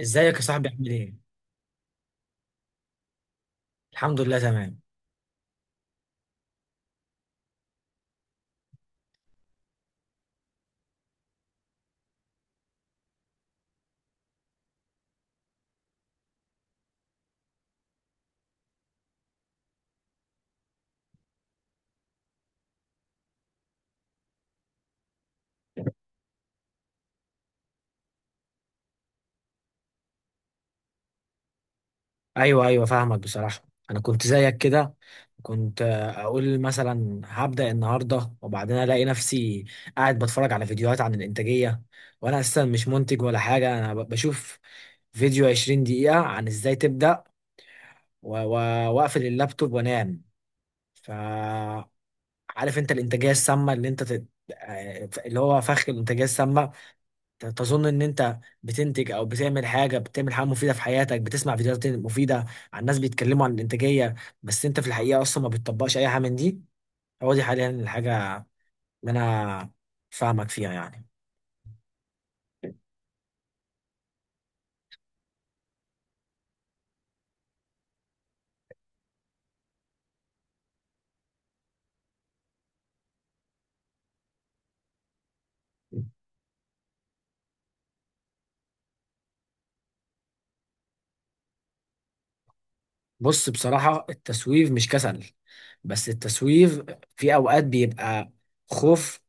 ازيك يا صاحبي، عامل ايه؟ الحمد لله تمام. ايوه ايوه، فاهمك بصراحه. انا كنت زيك كده. كنت اقول مثلا هبدا النهارده، وبعدين الاقي نفسي قاعد بتفرج على فيديوهات عن الانتاجيه، وانا اساسا مش منتج ولا حاجه. انا بشوف فيديو 20 دقيقه عن ازاي تبدا، واقفل اللابتوب وانام. فعارف انت الانتاجيه السامه اللي انت تت... آه، اللي هو فخ الانتاجيه السامه. تظن ان انت بتنتج او بتعمل حاجه مفيده في حياتك، بتسمع فيديوهات مفيده عن ناس بيتكلموا عن الانتاجيه، بس انت في الحقيقه اصلا ما بتطبقش اي حاجه من دي. هو دي حاليا الحاجه اللي انا فاهمك فيها يعني. بص، بصراحه التسويف مش كسل. بس التسويف في اوقات بيبقى خوف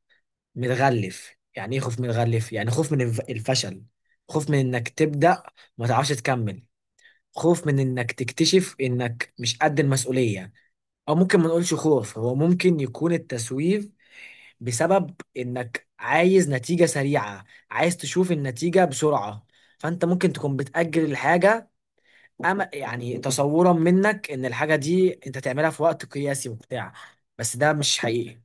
متغلف. يعني ايه خوف متغلف؟ يعني خوف من الفشل، خوف من انك تبدا وما تعرفش تكمل، خوف من انك تكتشف انك مش قد المسؤوليه. او ممكن ما نقولش خوف، هو ممكن يكون التسويف بسبب انك عايز نتيجة سريعة، عايز تشوف النتيجة بسرعة. فانت ممكن تكون بتأجل الحاجة، أما يعني تصورا منك ان الحاجة دي انت تعملها في وقت قياسي وبتاع. بس ده مش حقيقي.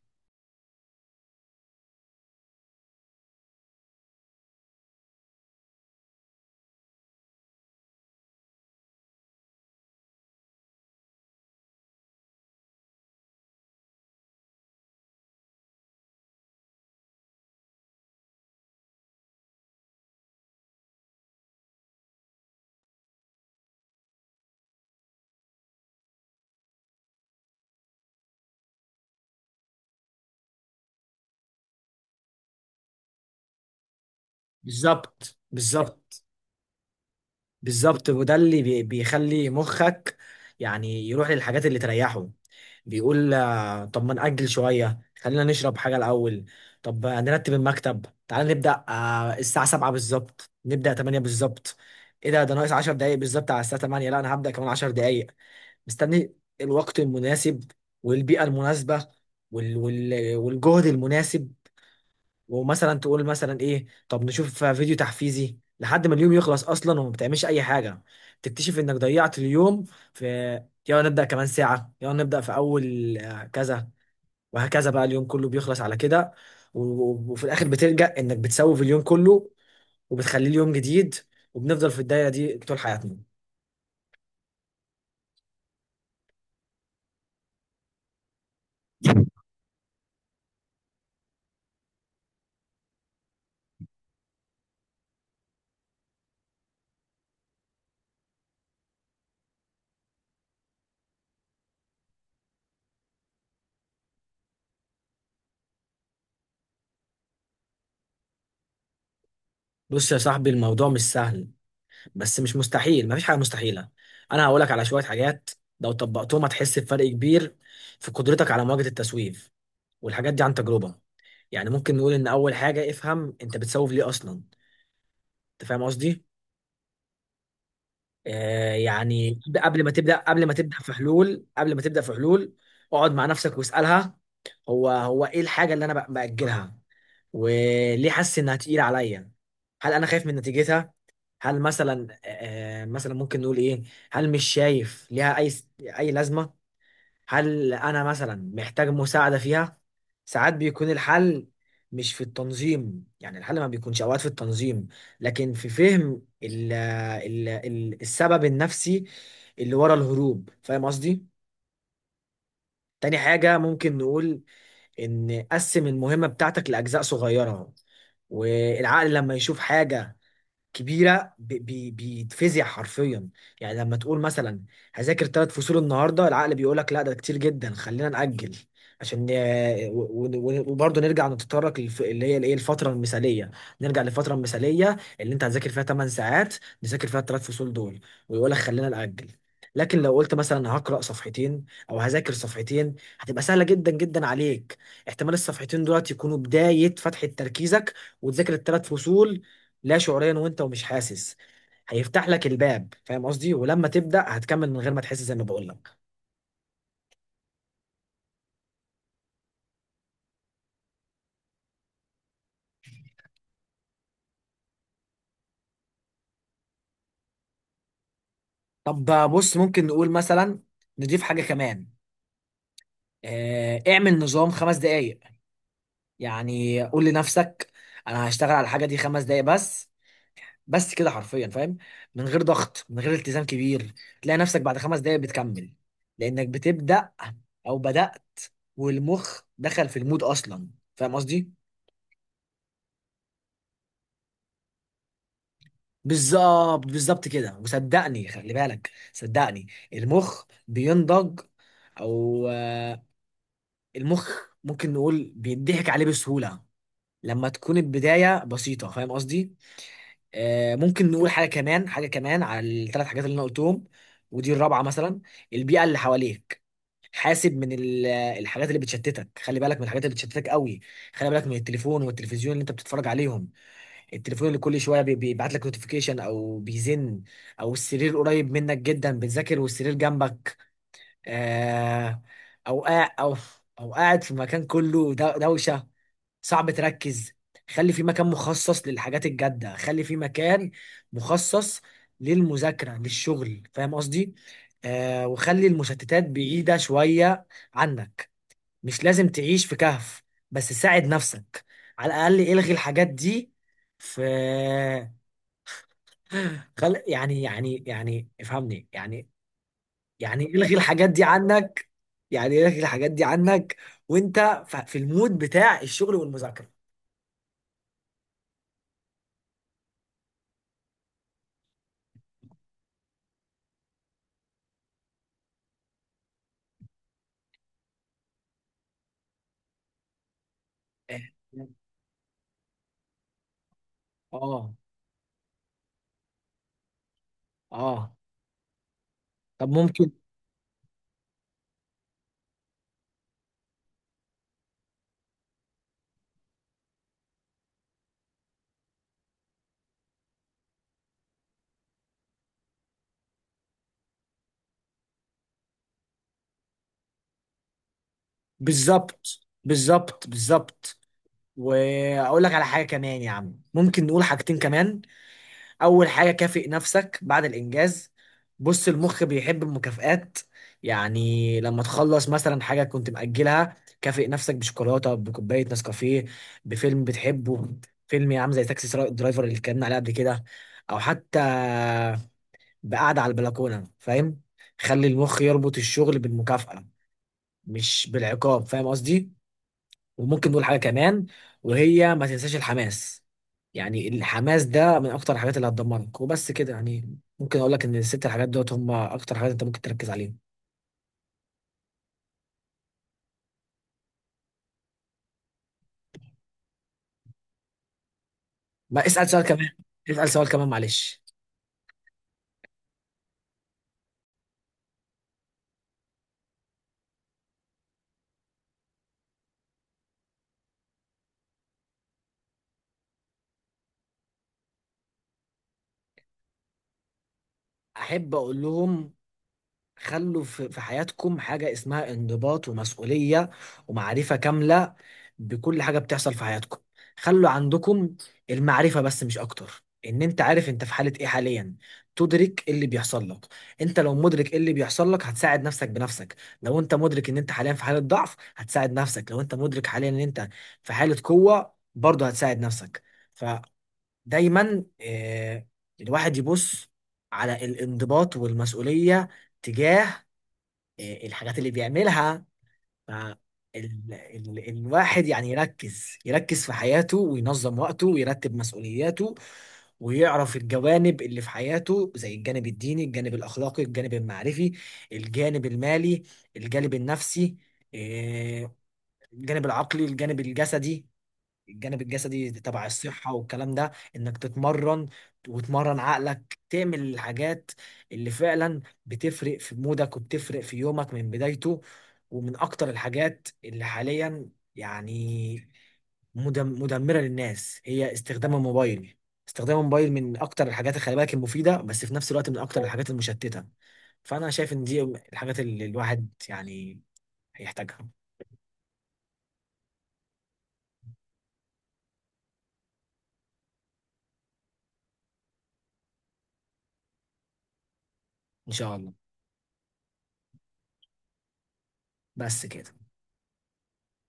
بالظبط، بالظبط، بالظبط. وده اللي بيخلي مخك يعني يروح للحاجات اللي تريحه. بيقول طب ما نأجل شوية، خلينا نشرب حاجة الأول. طب نرتب المكتب. تعال نبدأ الساعة 7 بالظبط، نبدأ 8 بالظبط. ايه ده ناقص 10 دقايق بالظبط على الساعة 8. لا، انا هبدأ كمان 10 دقايق. مستني الوقت المناسب والبيئة المناسبة والجهد المناسب. ومثلا تقول مثلا ايه، طب نشوف فيديو تحفيزي لحد ما اليوم يخلص اصلا وما بتعملش اي حاجه. تكتشف انك ضيعت اليوم في. يلا نبدا كمان ساعه، يلا نبدا في اول كذا. وهكذا بقى اليوم كله بيخلص على كده. وفي الاخر بتلجأ انك بتسوف اليوم كله، وبتخليه اليوم جديد، وبنفضل في الدايره دي طول حياتنا. بص يا صاحبي، الموضوع مش سهل، بس مش مستحيل، مفيش حاجة مستحيلة. أنا هقولك على شوية حاجات لو طبقتهم هتحس بفرق كبير في قدرتك على مواجهة التسويف، والحاجات دي عن تجربة. يعني ممكن نقول ان اول حاجة، افهم انت بتسوف ليه اصلا. انت فاهم قصدي؟ آه، يعني قبل ما تبدأ، قبل ما تبدأ في حلول، قبل ما تبدأ في حلول، اقعد مع نفسك واسألها، هو ايه الحاجة اللي انا بأجلها؟ وليه حاسس انها تقيلة عليا؟ هل انا خايف من نتيجتها؟ هل مثلا، مثلا ممكن نقول ايه، هل مش شايف ليها اي لازمة؟ هل انا مثلا محتاج مساعده فيها؟ ساعات بيكون الحل مش في التنظيم، يعني الحل ما بيكونش اوقات في التنظيم، لكن في فهم ال ال ال السبب النفسي اللي ورا الهروب. فاهم قصدي؟ تاني حاجه ممكن نقول ان قسم المهمه بتاعتك لاجزاء صغيره. والعقل لما يشوف حاجه كبيره بيتفزع حرفيا. يعني لما تقول مثلا هذاكر ثلاث فصول النهارده، العقل بيقول لك لا ده كتير جدا، خلينا نأجل. عشان وبرضه نرجع نتطرق اللي هي الايه الفتره المثاليه. نرجع للفتره المثاليه اللي انت هتذاكر فيها 8 ساعات، نذاكر فيها الثلاث فصول دول، ويقول لك خلينا نأجل. لكن لو قلت مثلا هقرأ صفحتين او هذاكر صفحتين، هتبقى سهله جدا جدا عليك. احتمال الصفحتين دولت يكونوا بدايه فتحه تركيزك وتذاكر الثلاث فصول لا شعوريا، وانت ومش حاسس هيفتح لك الباب. فاهم قصدي؟ ولما تبدأ هتكمل من غير ما تحس زي ما بقول لك. طب، بص، ممكن نقول مثلا نضيف حاجة كمان. اعمل نظام 5 دقايق. يعني قول لنفسك انا هشتغل على الحاجة دي 5 دقايق بس، بس كده حرفيا، فاهم؟ من غير ضغط، من غير التزام كبير. تلاقي نفسك بعد 5 دقايق بتكمل، لأنك بتبدأ أو بدأت، والمخ دخل في المود أصلا. فاهم قصدي؟ بالظبط، بالظبط كده. وصدقني، خلي بالك، صدقني، المخ بينضج. او المخ ممكن نقول بيضحك عليه بسهولة لما تكون البداية بسيطة. فاهم قصدي؟ ممكن نقول حاجة كمان على الثلاث حاجات اللي انا قلتهم. ودي الرابعة مثلا، البيئة اللي حواليك. حاسب من الحاجات اللي بتشتتك، خلي بالك من الحاجات اللي بتشتتك قوي. خلي بالك من التليفون والتلفزيون اللي انت بتتفرج عليهم، التليفون اللي كل شويه بيبعت لك نوتيفيكيشن او بيزن، او السرير قريب منك جدا، بتذاكر والسرير جنبك. آه، او قاعد، او قاعد في مكان كله دوشه، صعب تركز. خلي في مكان مخصص للحاجات الجاده، خلي في مكان مخصص للمذاكره، للشغل. فاهم قصدي؟ آه، وخلي المشتتات بعيده شويه عنك. مش لازم تعيش في كهف، بس ساعد نفسك. على الاقل الغي الحاجات دي في، خل يعني، يعني، يعني افهمني يعني، يعني الغي الحاجات دي عنك. يعني الغي الحاجات دي عنك وانت في المود بتاع الشغل والمذاكره. اه، اه، طب ممكن. بالظبط، بالظبط، بالظبط. واقول لك على حاجه كمان يا عم، ممكن نقول حاجتين كمان. اول حاجه، كافئ نفسك بعد الانجاز. بص، المخ بيحب المكافآت. يعني لما تخلص مثلا حاجه كنت مأجلها، كافئ نفسك بشوكولاته، بكوبايه نسكافيه، بفيلم بتحبه. فيلم يا عم زي تاكسي درايفر اللي اتكلمنا عليه قبل كده، او حتى بقعده على البلكونه، فاهم؟ خلي المخ يربط الشغل بالمكافأة، مش بالعقاب. فاهم قصدي؟ وممكن نقول حاجة كمان وهي ما تنساش الحماس. يعني الحماس ده من أكتر الحاجات اللي هتدمرك. وبست كده، يعني ممكن أقول لك إن الست حاجات دوت هم أكتر حاجات أنت ممكن تركز عليهم. ما اسأل سؤال كمان، اسأل سؤال كمان، معلش. أحب أقول لهم خلوا في حياتكم حاجة اسمها انضباط ومسؤولية، ومعرفة كاملة بكل حاجة بتحصل في حياتكم. خلوا عندكم المعرفة بس، مش أكتر، إن أنت عارف أنت في حالة إيه حاليا، تدرك إيه اللي بيحصل لك. أنت لو مدرك إيه اللي بيحصل لك، هتساعد نفسك بنفسك. لو أنت مدرك إن أنت حاليا في حالة ضعف، هتساعد نفسك، لو أنت مدرك حاليا إن أنت في حالة قوة برضه هتساعد نفسك. فدايما الواحد يبص على الانضباط والمسؤولية تجاه إيه الحاجات اللي بيعملها. ف الواحد يعني يركز في حياته وينظم وقته ويرتب مسؤولياته، ويعرف الجوانب اللي في حياته زي الجانب الديني، الجانب الأخلاقي، الجانب المعرفي، الجانب المالي، الجانب النفسي، إيه، الجانب العقلي، الجانب الجسدي. الجانب الجسدي تبع الصحة والكلام ده انك تتمرن وتمرن عقلك، تعمل الحاجات اللي فعلا بتفرق في مودك وبتفرق في يومك من بدايته. ومن اكتر الحاجات اللي حاليا يعني مدمرة للناس هي استخدام الموبايل. استخدام الموبايل من اكتر الحاجات اللي خلي بالك المفيدة، بس في نفس الوقت من اكتر الحاجات المشتتة. فانا شايف ان دي الحاجات اللي الواحد يعني هيحتاجها. ان شاء الله. بس كده.